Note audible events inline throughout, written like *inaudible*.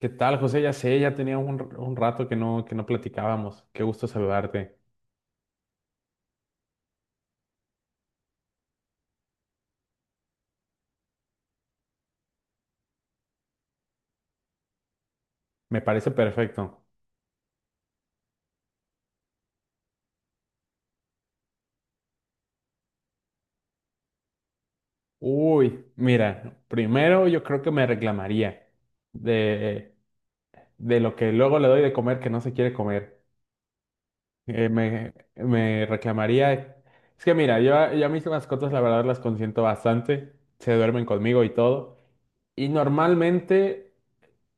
¿Qué tal, José? Ya sé, ya tenía un rato que no platicábamos. Qué gusto saludarte. Me parece perfecto. Uy, mira, primero yo creo que me reclamaría de, de lo que luego le doy de comer que no se quiere comer. Me reclamaría. Es que mira, yo a mis mascotas, la verdad, las consiento bastante. Se duermen conmigo y todo. Y normalmente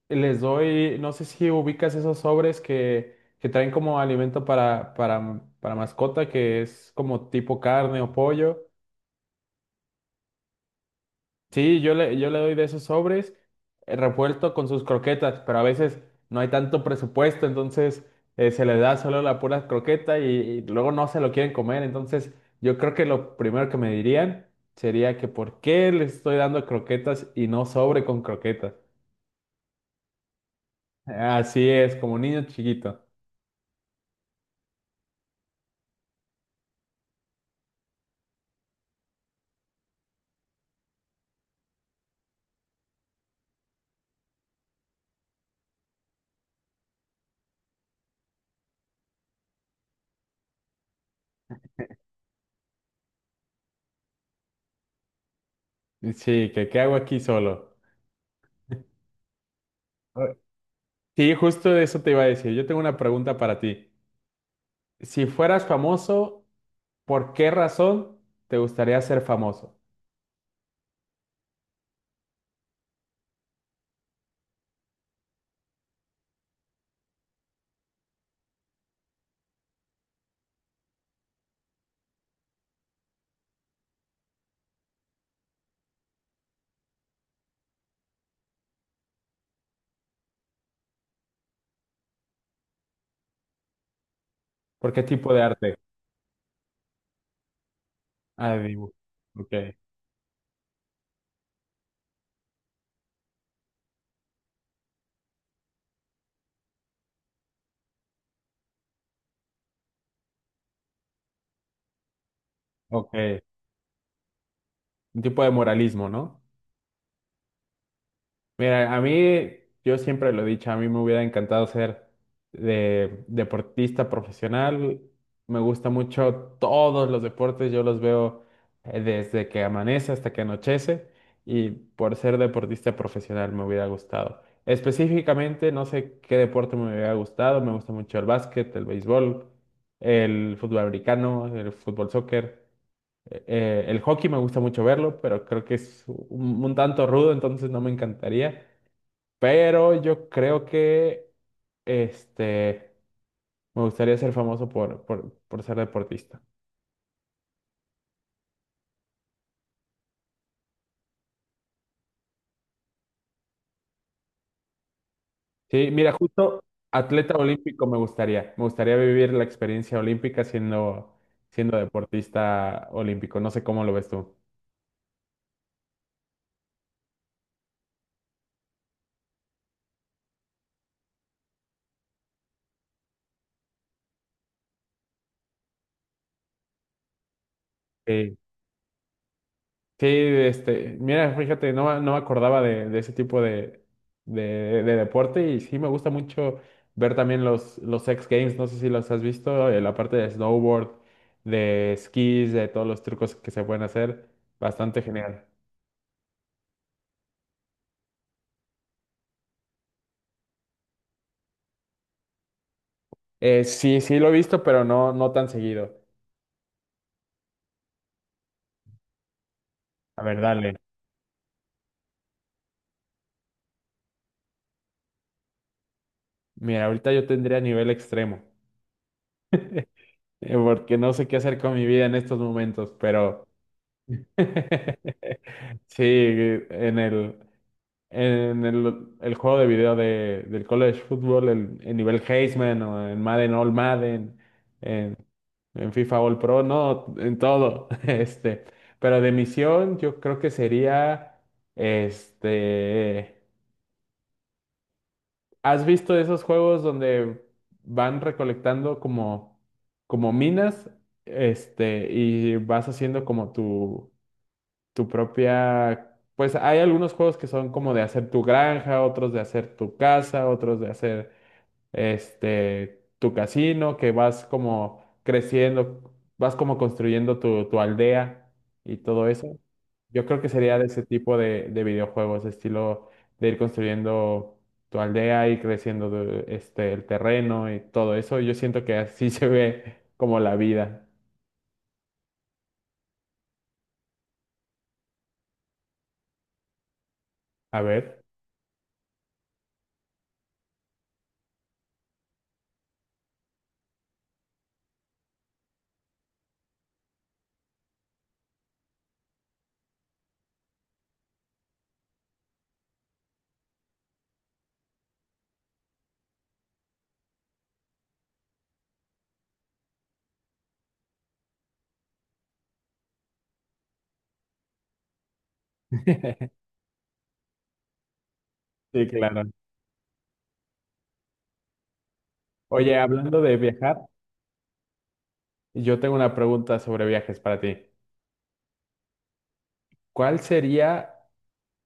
les doy, no sé si ubicas esos sobres que traen como alimento para mascota, que es como tipo carne o pollo. Sí, yo le doy de esos sobres, revuelto con sus croquetas, pero a veces no hay tanto presupuesto, entonces se le da solo la pura croqueta y luego no se lo quieren comer. Entonces yo creo que lo primero que me dirían sería que por qué les estoy dando croquetas y no sobre con croquetas. Así es, como niño chiquito. Sí, que qué hago aquí solo. Ah, sí, justo de eso te iba a decir. Yo tengo una pregunta para ti. Si fueras famoso, ¿por qué razón te gustaría ser famoso? ¿Por qué tipo de arte? Ah, de dibujo. Ok, ok. Un tipo de moralismo, ¿no? Mira, a mí, yo siempre lo he dicho, a mí me hubiera encantado ser de deportista profesional. Me gusta mucho todos los deportes, yo los veo, desde que amanece hasta que anochece, y por ser deportista profesional me hubiera gustado. Específicamente, no sé qué deporte me hubiera gustado, me gusta mucho el básquet, el béisbol, el fútbol americano, el fútbol soccer. El hockey me gusta mucho verlo, pero creo que es un tanto rudo, entonces no me encantaría. Pero yo creo que, este, me gustaría ser famoso por, por ser deportista. Sí, mira, justo atleta olímpico me gustaría. Me gustaría vivir la experiencia olímpica siendo deportista olímpico. No sé cómo lo ves tú. Sí. Sí, este, mira, fíjate, no me acordaba de ese tipo de deporte, y sí me gusta mucho ver también los X Games, no sé si los has visto. La parte de snowboard, de esquís, de todos los trucos que se pueden hacer, bastante genial. Sí, sí lo he visto, pero no, no tan seguido. A ver, dale. Mira, ahorita yo tendría nivel extremo, porque no sé qué hacer con mi vida en estos momentos, pero *laughs* sí, en el... En el juego de video del college football, el nivel Heisman, o en Madden All Madden, en, en FIFA All Pro, no, en todo. *laughs* Pero de misión, yo creo que sería, este, ¿has visto esos juegos donde van recolectando como, como minas, este, y vas haciendo como tu tu propia? Pues hay algunos juegos que son como de hacer tu granja, otros de hacer tu casa, otros de hacer, este, tu casino, que vas como creciendo, vas como construyendo tu aldea y todo eso. Yo creo que sería de ese tipo de videojuegos, estilo de ir construyendo tu aldea y creciendo de- este, el terreno y todo eso. Yo siento que así *laughs* se ve como la vida. A ver. *laughs* Sí, claro. Oye, hablando de viajar. Yo tengo una pregunta sobre viajes para ti. ¿Cuál sería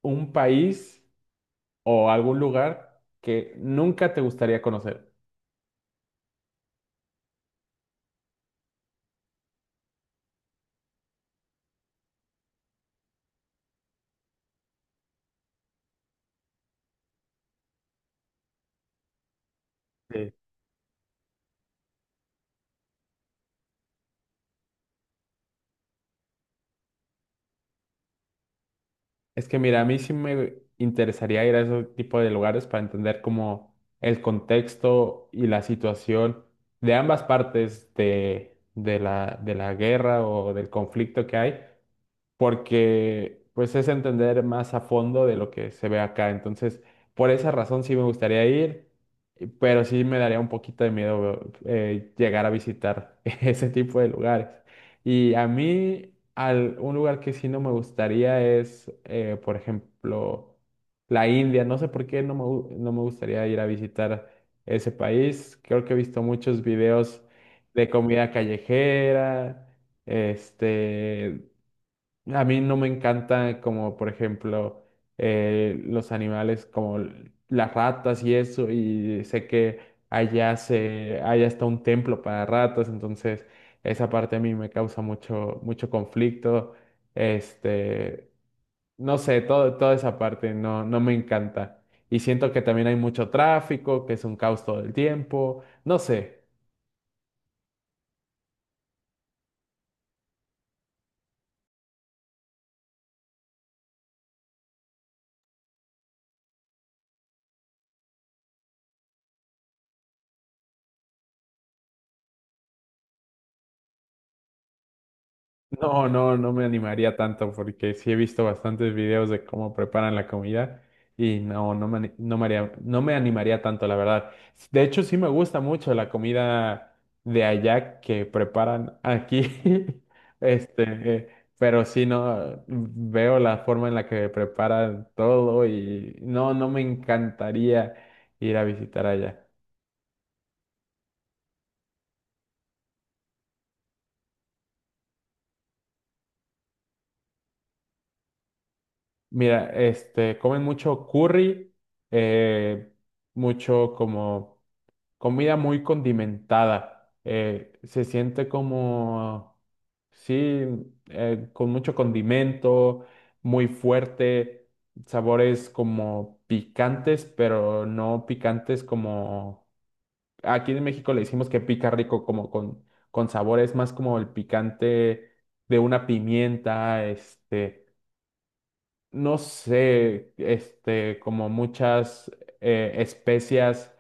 un país o algún lugar que nunca te gustaría conocer? Sí. Es que mira, a mí sí me interesaría ir a ese tipo de lugares para entender como el contexto y la situación de ambas partes de de la guerra o del conflicto que hay, porque pues es entender más a fondo de lo que se ve acá. Entonces, por esa razón sí me gustaría ir, y- pero sí me daría un poquito de miedo, llegar a visitar *laughs* ese tipo de lugares. Y a mí, al, un lugar que sí no me gustaría es, por ejemplo, la India. No sé por qué no me gustaría ir a visitar ese país. Creo que he visto muchos videos de comida callejera. Este, a mí no me encanta como, por ejemplo, los animales como las ratas y eso, y sé que allá está un templo para ratas, entonces esa parte a mí me causa mucho, mucho conflicto. Este, no sé, todo, toda esa parte no, no me encanta. Y siento que también hay mucho tráfico, que es un caos todo el tiempo, no sé. No, no, no me animaría tanto porque sí he visto bastantes videos de cómo preparan la comida, y no, no me, ani- no me haría- no me animaría tanto, la verdad. De hecho, sí me gusta mucho la comida de allá que preparan aquí, *laughs* este, eh, pero sí no veo la forma en la que preparan todo, y no, no me encantaría ir a visitar allá. Mira, este, comen mucho curry, eh, mucho como comida muy condimentada. Se siente como, sí, con mucho condimento, muy fuerte, sabores como picantes, pero no picantes como, aquí en México le decimos que pica rico, como con sabores más como el picante de una pimienta, este, no sé, este, como muchas, especias,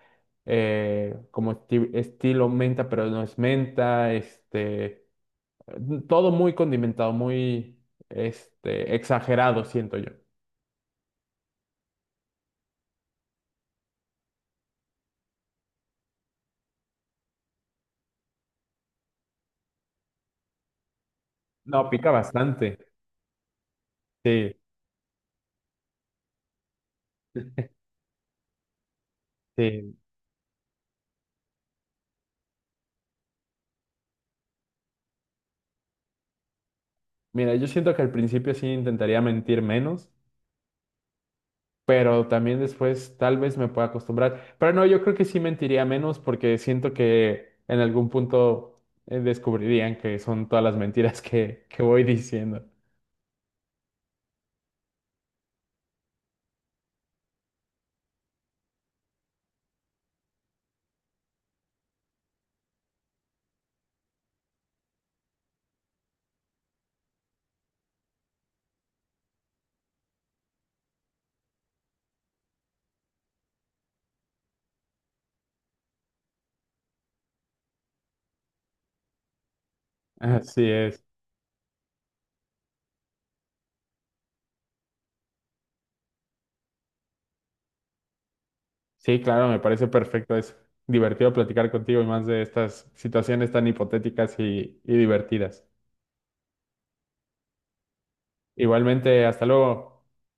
como estilo menta, pero no es menta, este, todo muy condimentado, muy, este, exagerado, siento yo. No, pica bastante. Sí, sí. Mira, yo siento que al principio sí intentaría mentir menos, pero también después tal vez me pueda acostumbrar. Pero no, yo creo que sí mentiría menos, porque siento que en algún punto, descubrirían que son todas las mentiras que voy diciendo. Así es. Sí, claro, me parece perfecto. Es divertido platicar contigo, y más de estas situaciones tan hipotéticas y divertidas. Igualmente, hasta luego.